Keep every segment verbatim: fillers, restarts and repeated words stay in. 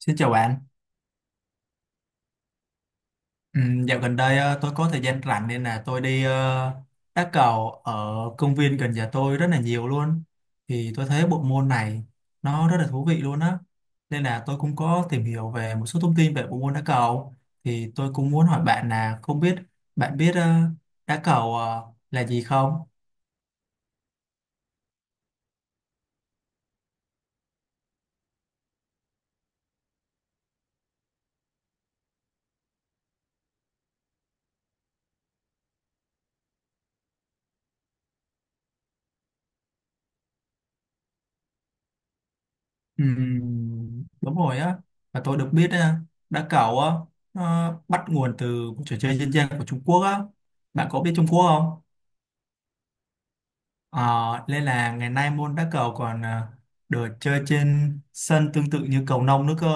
Xin chào bạn. Ừ, dạo gần đây ờ, tôi có thời gian rảnh nên là tôi đi ờ, đá cầu ở công viên gần nhà tôi rất là nhiều luôn. Thì tôi thấy bộ môn này nó rất là thú vị luôn á. Nên là tôi cũng có tìm hiểu về một số thông tin về bộ môn đá cầu. Thì tôi cũng muốn hỏi bạn là không biết bạn biết ờ, đá cầu ờ, là gì không? Ừm, đúng rồi á. Và tôi được biết ờ, đá cầu á nó bắt nguồn từ một trò chơi dân gian của Trung Quốc á. Bạn có biết Trung Quốc không? Ờ, Nên là ngày nay môn đá cầu còn ờ, được chơi trên sân tương tự như cầu lông nữa cơ.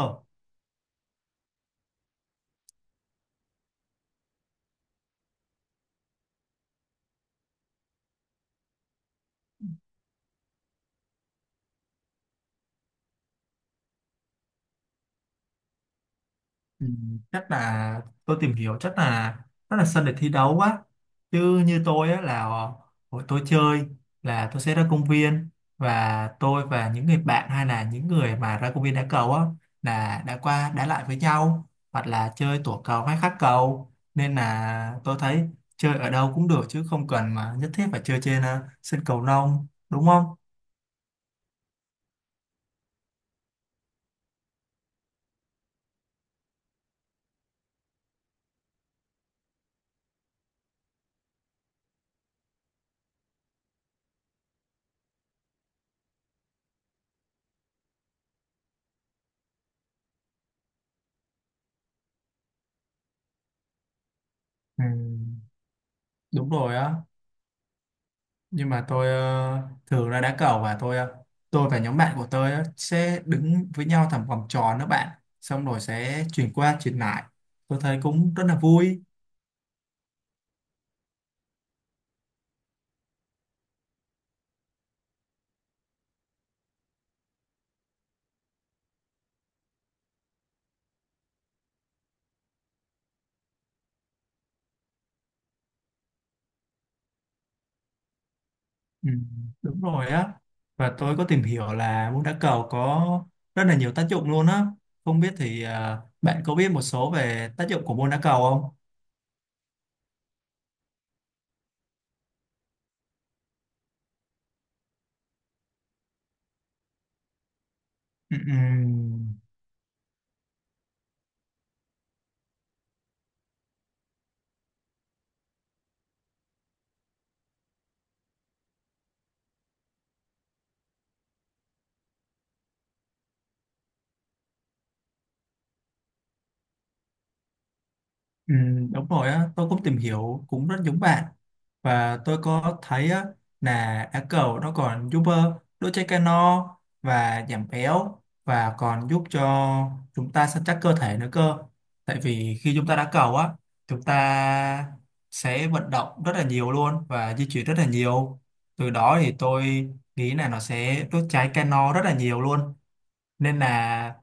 Ừ, chắc là tôi tìm hiểu chắc là rất là sân để thi đấu quá. Chứ như tôi á, là ờ, hồi tôi chơi là tôi sẽ ra công viên và tôi và những người bạn hay là những người mà ra công viên đá cầu á là đã qua đá lại với nhau hoặc là chơi tổ cầu hay khắc cầu nên là tôi thấy chơi ở đâu cũng được chứ không cần mà nhất thiết phải chơi trên ờ, sân cầu lông đúng không? Ừ, đúng rồi á nhưng mà tôi ờ, thường là đá cầu và tôi ờ, tôi và nhóm bạn của tôi á, sẽ đứng với nhau thành vòng tròn đó bạn xong rồi sẽ chuyển qua chuyển lại tôi thấy cũng rất là vui. Ừ, đúng rồi á. Và tôi có tìm hiểu là môn đá cầu có rất là nhiều tác dụng luôn á. Không biết thì ờ, bạn có biết một số về tác dụng của môn đá cầu không? Ừ, ừ. Ừ, đúng rồi á, tôi cũng tìm hiểu cũng rất giống bạn và tôi có thấy á, là á cầu nó còn giúp ờ, đốt cháy calo và giảm béo và còn giúp cho chúng ta săn chắc cơ thể nữa cơ tại vì khi chúng ta đá cầu á chúng ta sẽ vận động rất là nhiều luôn và di chuyển rất là nhiều từ đó thì tôi nghĩ là nó sẽ đốt cháy calo rất là nhiều luôn nên là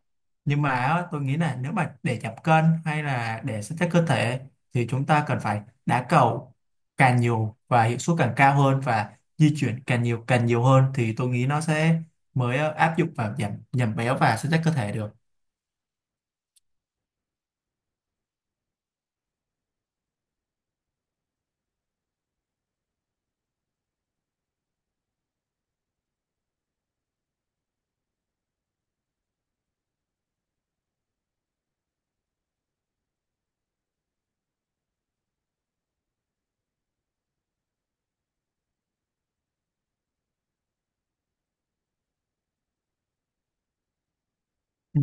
nhưng mà á, tôi nghĩ là nếu mà để giảm cân hay là để săn chắc cơ thể thì chúng ta cần phải đá cầu càng nhiều và hiệu suất càng cao hơn và di chuyển càng nhiều càng nhiều hơn thì tôi nghĩ nó sẽ mới ờ, áp dụng vào giảm giảm béo và săn chắc cơ thể được. Ừ.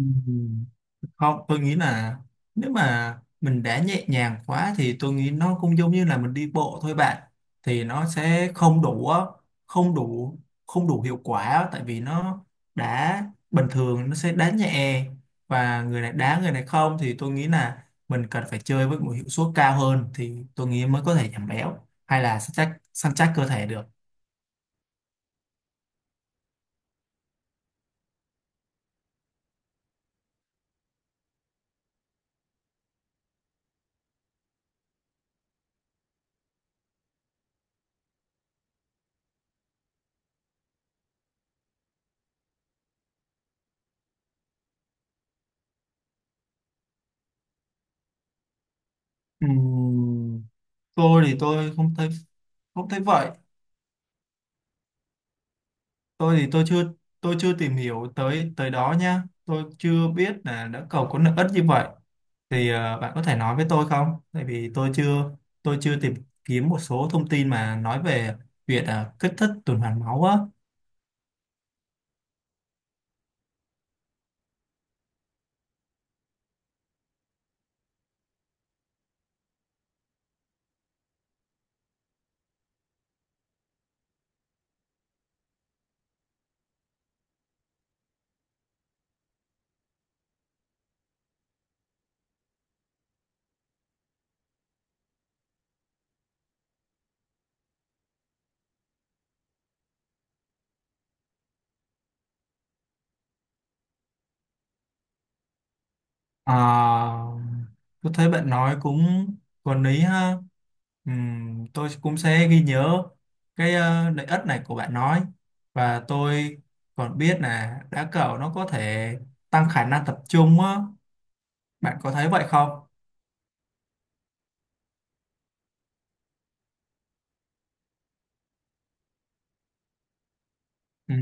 Không, tôi nghĩ là nếu mà mình đã nhẹ nhàng quá thì tôi nghĩ nó cũng giống như là mình đi bộ thôi bạn thì nó sẽ không đủ á, không đủ không đủ hiệu quả á, tại vì nó đá bình thường nó sẽ đá nhẹ và người này đá người này không thì tôi nghĩ là mình cần phải chơi với một hiệu suất cao hơn thì tôi nghĩ mới có thể giảm béo hay là săn chắc săn chắc cơ thể được. Ừm, tôi thì tôi không thấy không thấy vậy. Tôi thì tôi chưa tôi chưa tìm hiểu tới tới đó nha. Tôi chưa biết là đã cầu có lợi ích như vậy thì ờ, bạn có thể nói với tôi không tại vì tôi chưa tôi chưa tìm kiếm một số thông tin mà nói về việc ờ, kích thích tuần hoàn máu á. Ờ, tôi thấy bạn nói cũng có lý ha. Ừm, tôi cũng sẽ ghi nhớ cái ờ, lợi ích này của bạn nói và tôi còn biết là đá cầu nó có thể tăng khả năng tập trung á. Bạn có thấy vậy không? Ừ,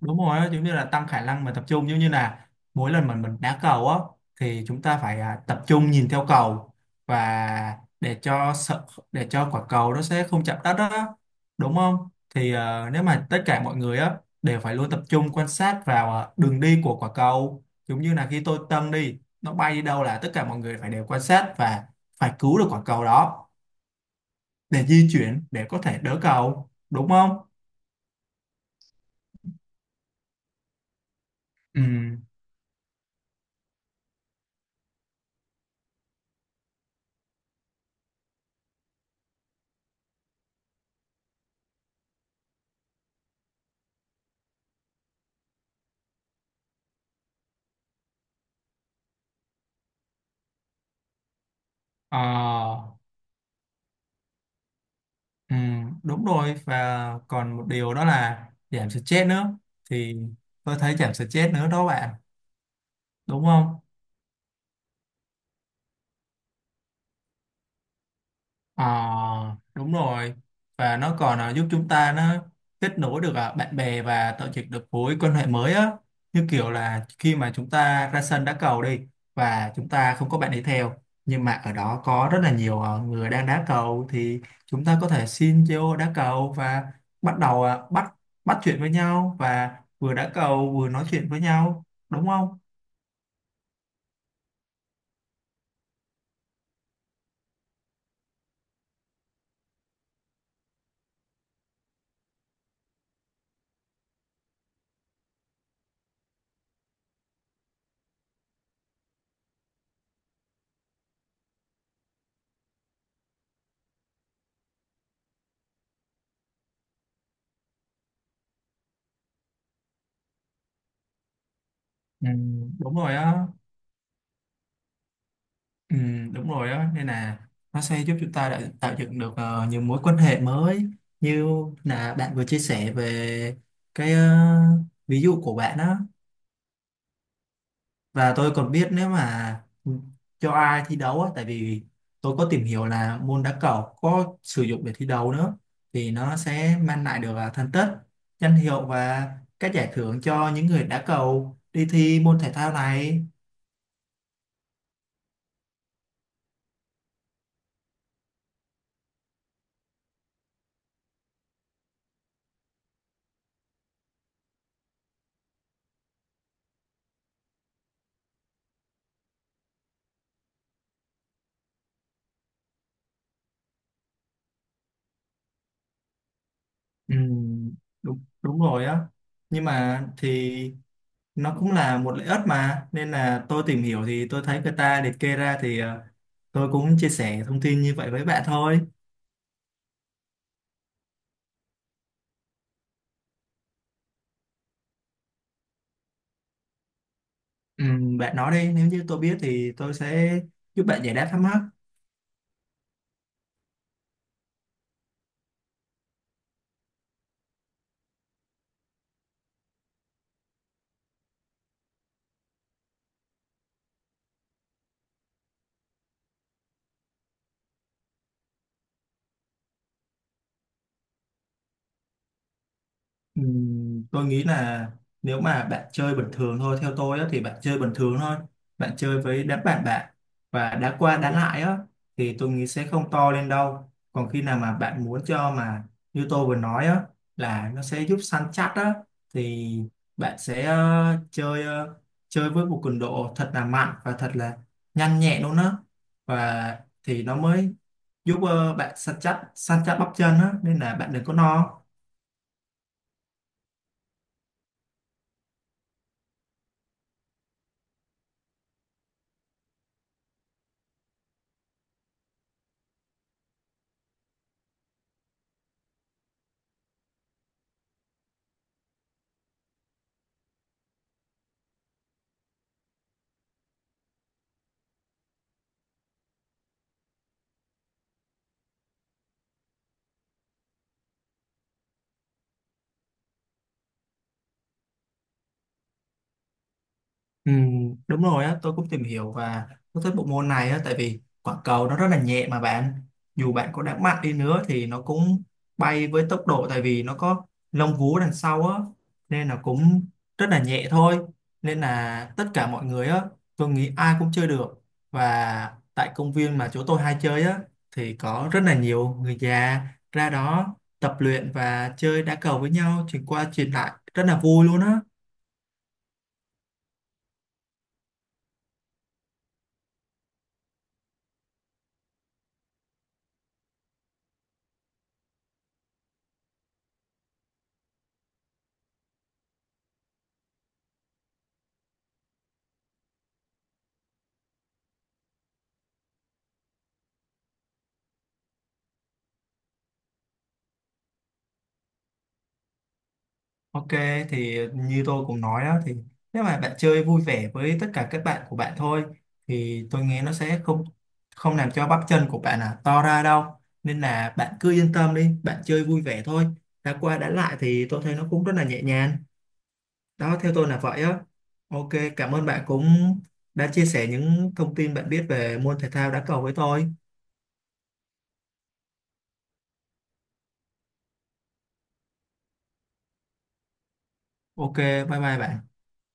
đúng rồi á, giống như là tăng khả năng mà tập trung giống như là mỗi lần mà mình đá cầu á thì chúng ta phải à, tập trung nhìn theo cầu và để cho sợ để cho quả cầu nó sẽ không chạm đất đó đúng không thì à, nếu mà tất cả mọi người á đều phải luôn tập trung quan sát vào à, đường đi của quả cầu giống như là khi tôi dâng đi nó bay đi đâu là tất cả mọi người phải đều quan sát và phải cứu được quả cầu đó để di chuyển để có thể đỡ cầu đúng không? Ừ. Ờ. Ừ, đúng rồi và còn một điều đó là giảm stress nữa thì tôi thấy giảm stress nữa đó bạn đúng không? Ờ, đúng rồi và nó còn à, giúp chúng ta nó kết nối được à, bạn bè và tạo dựng được mối quan hệ mới á như kiểu là khi mà chúng ta ra sân đá cầu đi và chúng ta không có bạn đi theo nhưng mà ở đó có rất là nhiều à, người đang đá cầu thì chúng ta có thể xin vô đá cầu và bắt đầu à, bắt bắt chuyện với nhau và vừa đá cầu vừa nói chuyện với nhau đúng không? Ừ, đúng rồi á. Ừ, đúng rồi đó nên là nó sẽ giúp chúng ta đã tạo dựng được ờ, nhiều mối quan hệ mới như là bạn vừa chia sẻ về cái ờ, ví dụ của bạn đó và tôi còn biết nếu mà cho ai thi đấu á tại vì tôi có tìm hiểu là môn đá cầu có sử dụng để thi đấu nữa thì nó sẽ mang lại được ờ, thành tích danh hiệu và các giải thưởng cho những người đá cầu đi thi môn thể thao này. Ừ, đúng đúng rồi á nhưng mà thì nó cũng là một lợi ích mà nên là tôi tìm hiểu thì tôi thấy người ta liệt kê ra thì ờ, tôi cũng chia sẻ thông tin như vậy với bạn thôi. Ừm, bạn nói đi nếu như tôi biết thì tôi sẽ giúp bạn giải đáp thắc mắc. Ừm, tôi nghĩ là nếu mà bạn chơi bình thường thôi theo tôi á, thì bạn chơi bình thường thôi bạn chơi với đám bạn bạn và đá qua đá lại á thì tôi nghĩ sẽ không to lên đâu còn khi nào mà bạn muốn cho mà như tôi vừa nói á là nó sẽ giúp săn chắc á thì bạn sẽ ờ, chơi ờ, chơi với một cường độ thật là mạnh và thật là nhanh nhẹn luôn á và thì nó mới giúp ờ, bạn săn chắc săn chắc bắp chân á nên là bạn đừng có no. Ừ, đúng rồi á, tôi cũng tìm hiểu và tôi thích bộ môn này á, tại vì quả cầu nó rất là nhẹ mà bạn dù bạn có đá mạnh đi nữa thì nó cũng bay với tốc độ tại vì nó có lông vú đằng sau á nên là cũng rất là nhẹ thôi nên là tất cả mọi người á tôi nghĩ ai cũng chơi được và tại công viên mà chỗ tôi hay chơi á thì có rất là nhiều người già ra đó tập luyện và chơi đá cầu với nhau chuyển qua chuyển lại rất là vui luôn á. Ok, thì như tôi cũng nói đó thì nếu mà bạn chơi vui vẻ với tất cả các bạn của bạn thôi thì tôi nghe nó sẽ không không làm cho bắp chân của bạn à to ra đâu nên là bạn cứ yên tâm đi bạn chơi vui vẻ thôi đã qua đã lại thì tôi thấy nó cũng rất là nhẹ nhàng đó theo tôi là vậy á. Ok. Cảm ơn bạn cũng đã chia sẻ những thông tin bạn biết về môn thể thao đá cầu với tôi. Ok. Bye bye bạn.